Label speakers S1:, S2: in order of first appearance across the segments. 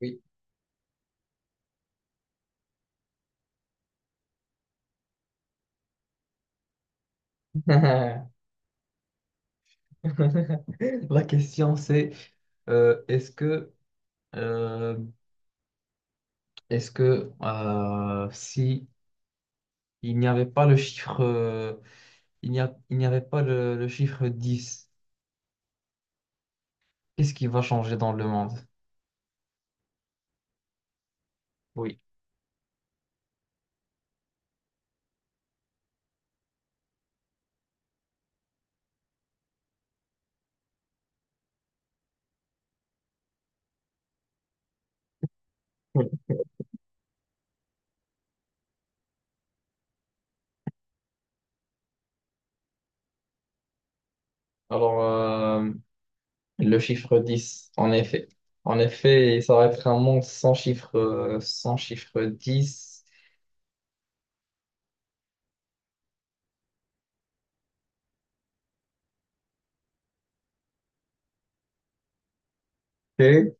S1: Oui. La question, c'est, euh, est-ce que euh, est-ce que, si il n'y avait pas le chiffre euh, il n'y avait pas le chiffre dix, qu'est-ce qui va changer dans le monde? Oui. Alors, le chiffre 10 en effet. En effet, ça va être un monde sans chiffre dix. et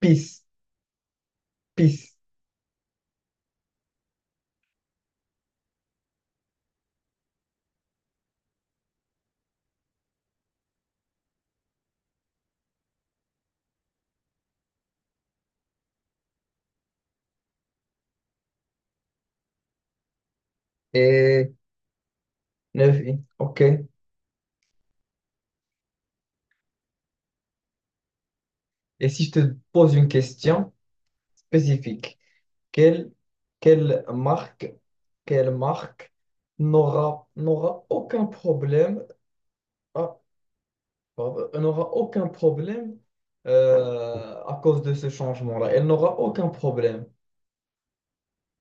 S1: pis pis pis et 9. Ok. Et si je te pose une question spécifique, quelle, quelle marque, quelle marque n'aura aucun problème, ah, pardon, n'aura aucun problème, à cause de ce changement-là. Elle n'aura aucun problème.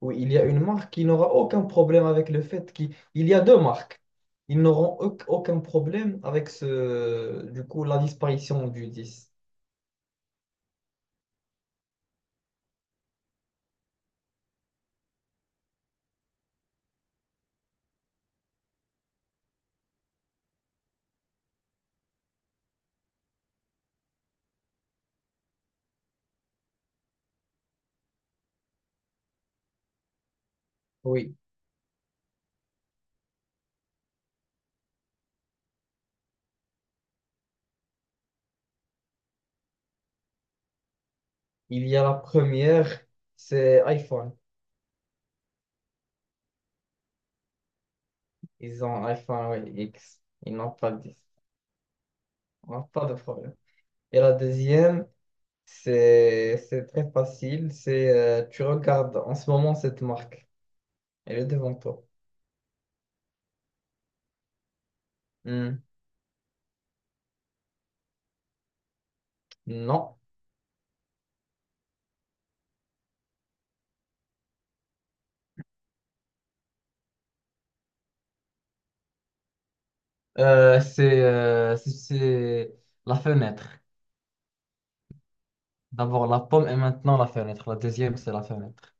S1: Oui, il y a une marque qui n'aura aucun problème avec le fait qu'il il y a deux marques. Ils n'auront aucun problème avec du coup, la disparition du 10. Oui, il y a la première, c'est iPhone. Ils ont iPhone X. Ils n'ont pas 10. On n'a pas de problème. Et la deuxième, c'est très facile. C'est tu regardes en ce moment cette marque. Elle est devant toi. Hmm, non. C'est la fenêtre. D'abord la pomme et maintenant la fenêtre. La deuxième, c'est la fenêtre.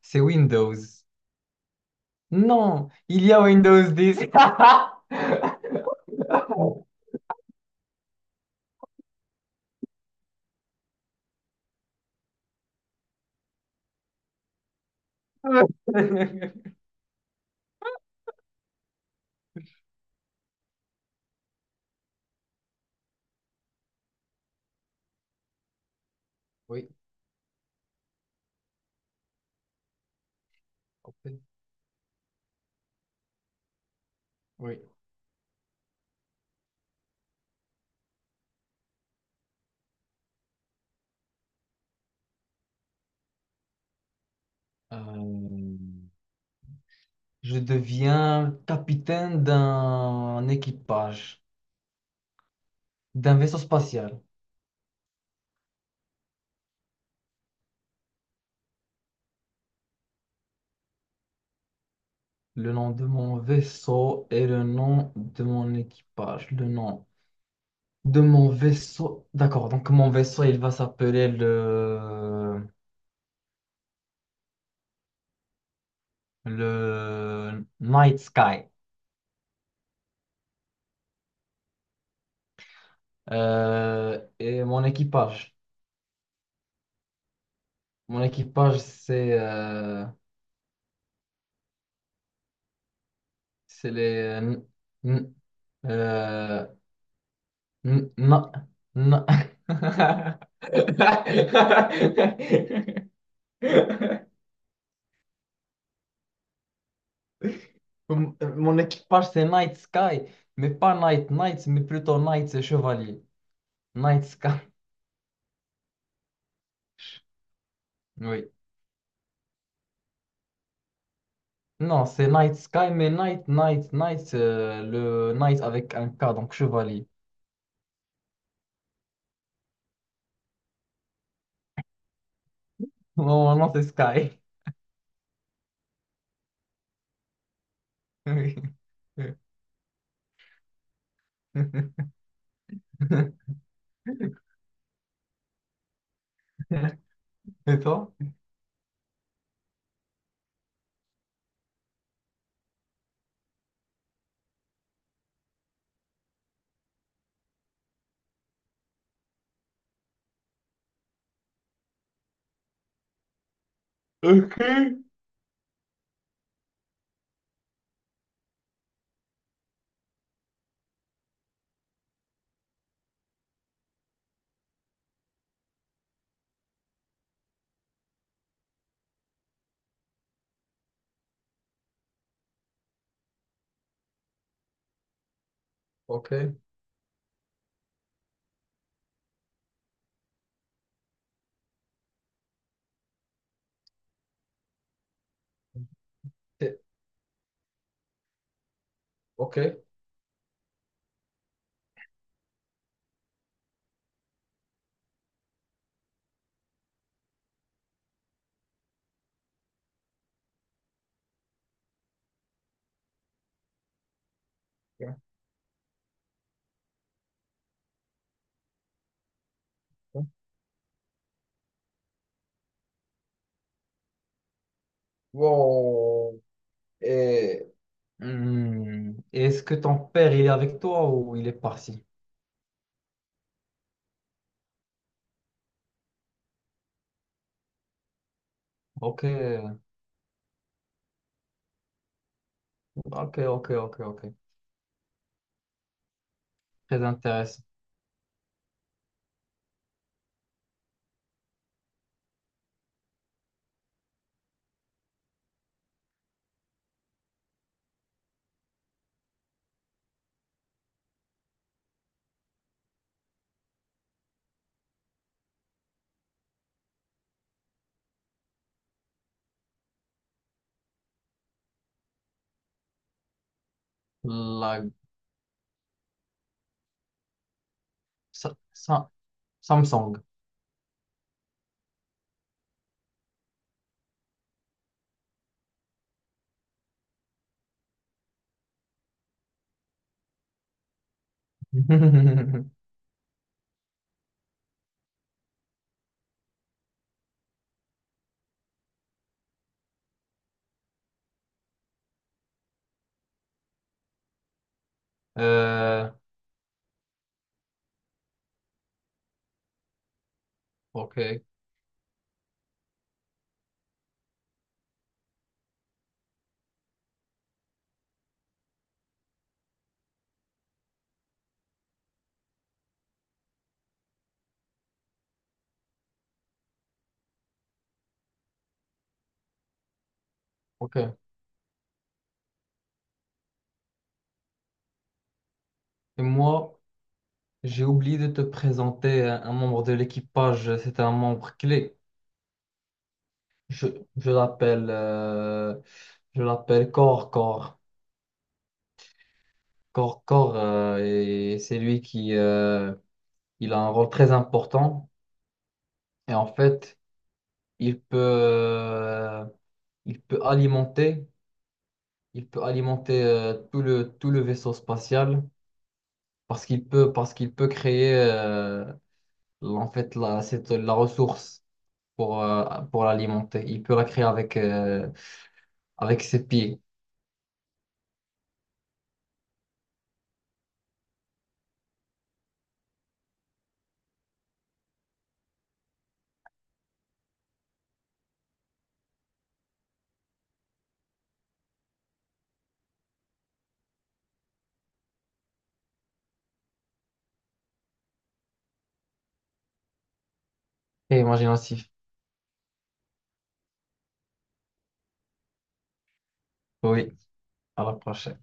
S1: C'est Windows. Non, il y a Windows 10. Oui. Ok. Oui. Euh, Je deviens capitaine d'un équipage, d'un vaisseau spatial. Le nom de mon vaisseau et le nom de mon équipage. Le nom de mon vaisseau. D'accord, donc mon vaisseau, il va s'appeler le Night Sky. Et mon équipage. Mon équipage, c'est les... euh, non, non. Mon équipage, c'est Night Sky, mais pas Night Knight, mais plutôt Knight, c'est chevalier. Night Sky, oui. Non, c'est Night Sky, mais Night, Night, Night, c'est le Night avec un K, donc chevalier. Mon nom, c'est Sky. Oui. Et toi? Ok. Ok. Ok. Wow. Et Hmm. Et est-ce que ton père, il est avec toi ou il est parti? Ok, ok, ok, ok, ok. Très intéressant. La... Sa- Sa- Samsung. Euh, ok, ok. Et moi, j'ai oublié de te présenter un membre de l'équipage. C'était un membre clé. Je, je l'appelle euh, je l'appelle Cor, Cor, Cor, Cor. Et c'est lui qui, il a un rôle très important. Et en fait, il peut, euh, il peut alimenter, tout le vaisseau spatial parce qu'il peut créer, en fait la, cette, la ressource, pour l'alimenter. Il peut la créer avec ses pieds. C'est imaginatif. Oui, à la prochaine.